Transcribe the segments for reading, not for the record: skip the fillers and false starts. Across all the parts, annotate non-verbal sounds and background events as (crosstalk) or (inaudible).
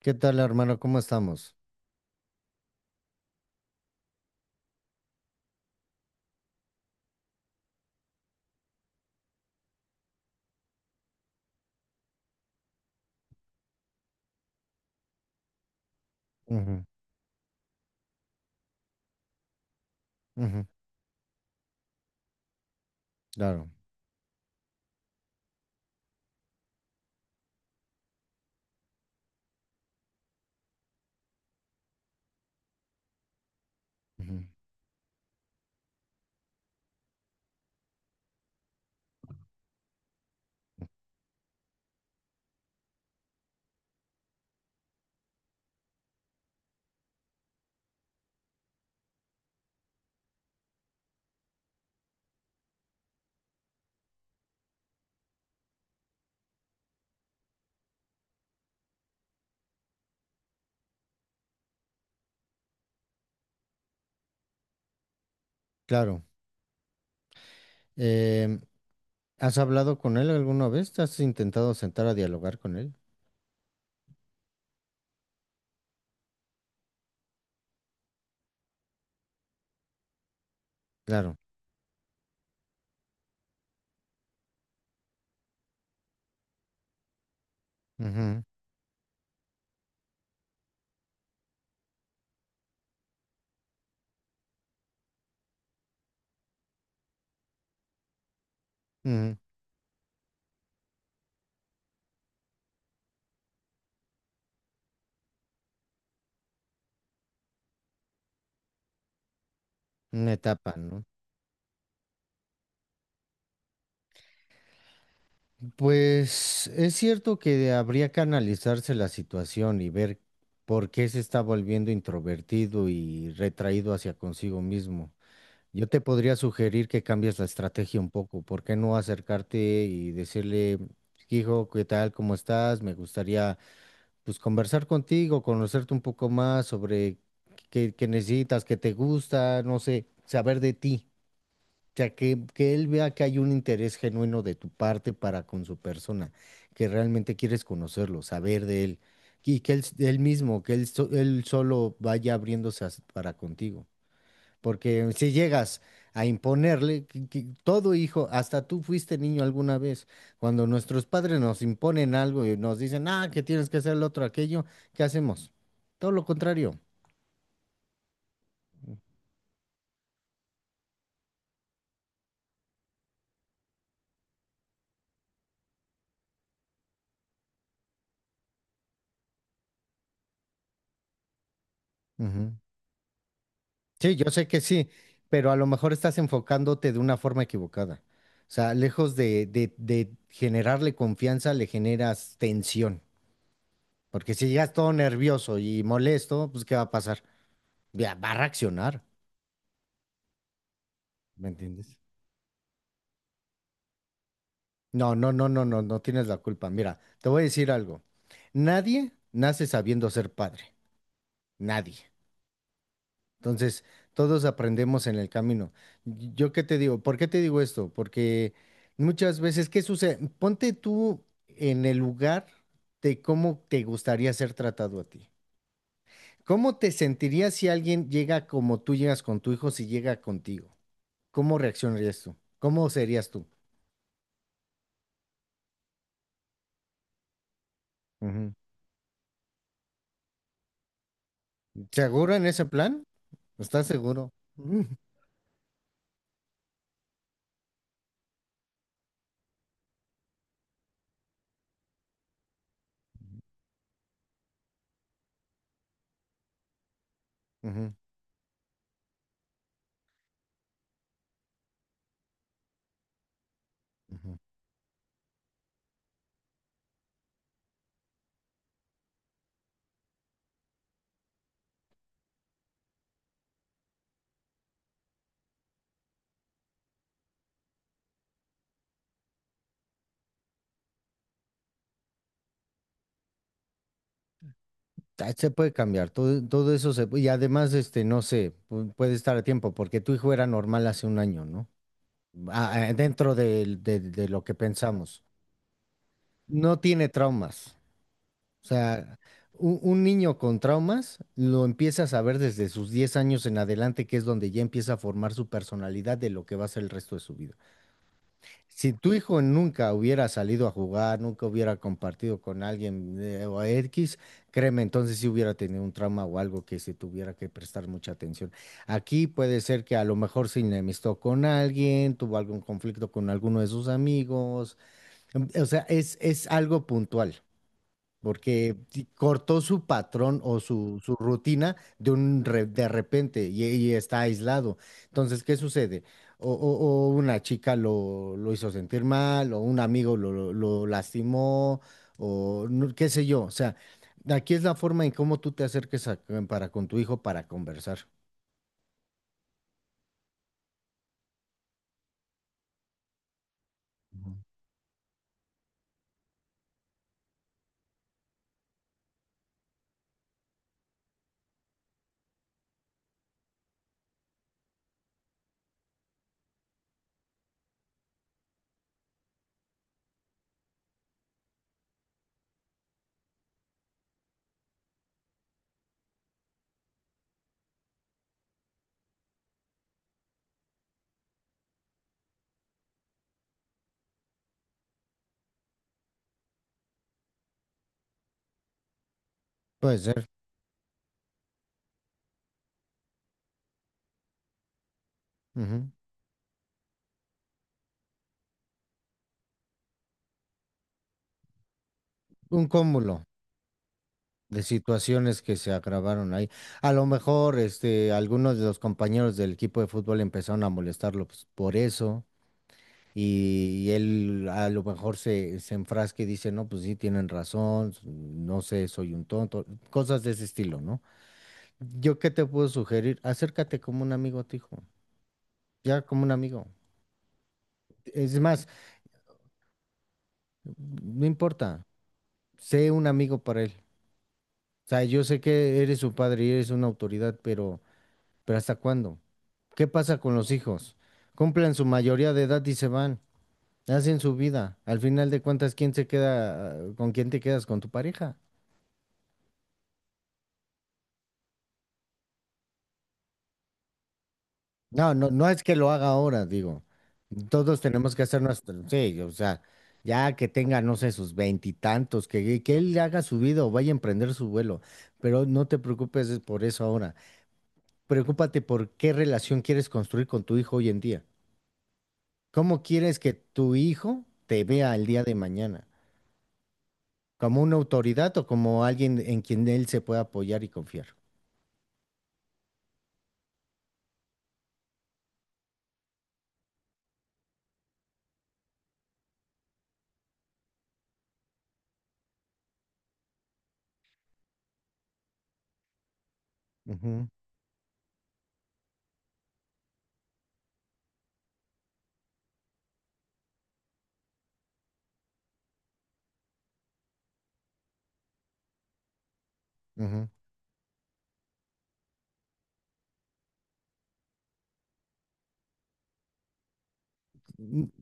¿Qué tal, hermano? ¿Cómo estamos? Ujú, ujú, claro, ujú, claro. Em, ¿Has hablado con él alguna vez? ¿Te has intentado sentar a dialogar con él? Claro. Ujú, ujú. Una etapa, ¿no? Pues es cierto que habría que analizarse la situación y ver por qué se está volviendo introvertido y retraído hacia consigo mismo. Yo te podría sugerir que cambies la estrategia un poco. ¿Por qué no acercarte y decirle, hijo, ¿qué tal? ¿Cómo estás? Me gustaría pues conversar contigo, conocerte un poco más sobre qué necesitas, qué te gusta, no sé, saber de ti. O sea, que él vea que hay un interés genuino de tu parte para con su persona, que realmente quieres conocerlo, saber de él, y que él mismo, él solo vaya para contigo. Porque si llegas a imponerle, que todo hijo, hasta tú fuiste niño alguna vez, cuando nuestros padres nos imponen algo y nos dicen, ah, que tienes que hacer lo otro, aquello, ¿qué hacemos? Todo lo contrario. Ujú. Sí, yo sé que sí, pero a lo mejor estás enfocándote de una forma equivocada. O sea, lejos de generarle confianza, le generas tensión. Porque si llegas todo nervioso y molesto, pues ¿qué va a pasar? Ya, va a reaccionar, ¿me entiendes? No tienes la culpa. Mira, te voy a decir algo. Nadie nace sabiendo ser padre. Nadie. Entonces, todos aprendemos en el camino. ¿Yo qué te digo? ¿Por qué te digo esto? Porque muchas veces, ¿qué sucede? Ponte tú en el lugar de cómo te gustaría ser tratado a ti. ¿Cómo te sentirías si alguien llega como tú llegas con tu hijo, si llega contigo? ¿Cómo reaccionarías tú? ¿Cómo serías tú? Ujú. ¿Seguro en ese plan? ¿Estás seguro? (laughs) Ujú, ujú. Ah, se puede cambiar, todo eso se puede, y además, este, no sé, puede estar a tiempo, porque tu hijo era normal hace un año, ¿no? Ah, ah, de lo que pensamos. No tiene traumas. O sea, un niño con traumas lo empiezas a ver desde sus 10 años en adelante, que es donde ya empieza a formar su personalidad de lo que va a ser el resto de su vida. Si tu hijo nunca hubiera salido a jugar, nunca hubiera compartido con alguien o X, créeme, entonces sí hubiera tenido un trauma o algo que se tuviera que prestar mucha atención. Aquí puede ser que a lo mejor se enemistó con alguien, tuvo algún conflicto con alguno de sus amigos. O sea, es algo puntual porque cortó su patrón o su rutina de repente y está aislado. Entonces, ¿qué sucede? O una chica lo hizo sentir mal, o un amigo lo lastimó, o no- qué sé yo. O sea, aquí es la forma en cómo tú te acerques a- para con tu hijo para conversar. Ujú. Puede ser. Ujú. Un cúmulo de situaciones que se agravaron ahí. A lo mejor, este, algunos de los compañeros del equipo de fútbol empezaron a molestarlo, pues, por eso, y él a lo mejor se enfrasca y dice, no, pues sí, tienen razón, no sé, soy un tonto, cosas de ese estilo, ¿no? ¿Yo qué te puedo sugerir? Acércate como un amigo a tu hijo, ya como un amigo. Es más, no importa, sé un amigo para él. O sea, yo sé que eres su padre y eres una autoridad, pero ¿hasta cuándo? ¿Qué pasa con los hijos? Cumplen su mayoría de edad y se van, hacen su vida. Al final de cuentas, ¿quién se queda, con quién te quedas con tu pareja? No, no, no es que lo haga ahora, digo. Todos tenemos que hacer nuestro, sí, o sea, ya que tenga, no sé, sus veintitantos, que él haga su vida o vaya a emprender su vuelo, pero no te preocupes es por eso ahora. Preocúpate por qué relación quieres construir con tu hijo hoy en día. ¿Cómo quieres que tu hijo te vea el día de mañana? Como una autoridad o como alguien en quien él se pueda apoyar y confiar. Ujú, ujú. N-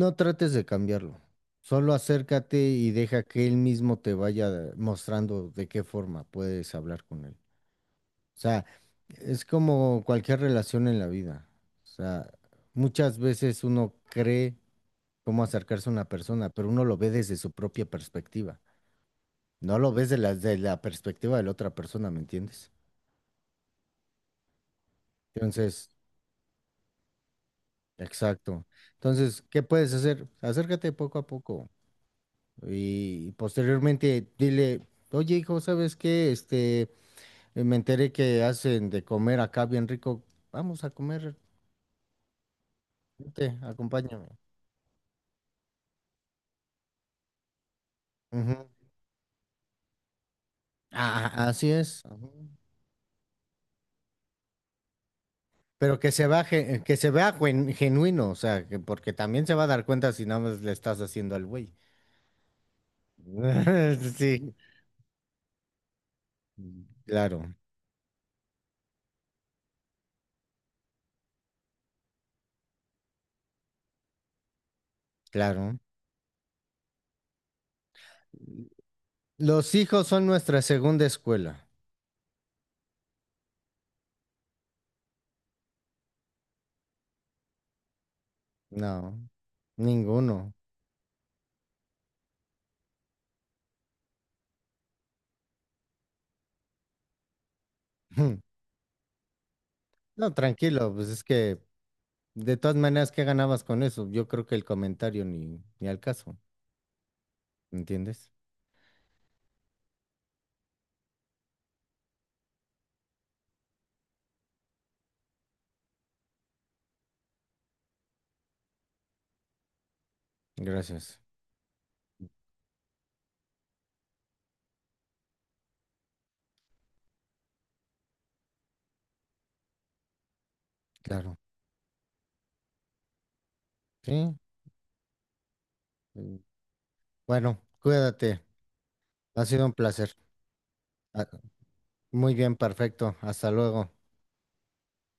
No trates de cambiarlo, solo acércate y deja que él mismo te vaya mostrando de qué forma puedes hablar con él. O sea, es como cualquier relación en la vida. O sea, muchas veces uno cree cómo acercarse a una persona, pero uno lo ve desde su propia perspectiva. No lo ves de la perspectiva de la otra persona, ¿me entiendes? Entonces, exacto. Entonces, ¿qué puedes hacer? Acércate poco a poco y posteriormente dile, oye hijo, ¿sabes qué? Este, me enteré que hacen de comer acá bien rico. Vamos a comer, vente, acompáñame. Ujú. Ah, así es. Ujú. Pero que se vea, genuino, o sea, porque también se va a dar cuenta si nada más le estás haciendo al güey. (laughs) Sí, claro, claro. Los hijos son nuestra segunda escuela. No, ninguno. (laughs) No, tranquilo, pues es que de todas maneras, ¿qué ganabas con eso? Yo creo que el comentario ni al caso, ¿entiendes? Gracias, claro. Sí. Mm, bueno, cuídate. Ha sido un placer. Ah, muy bien, perfecto. Hasta luego.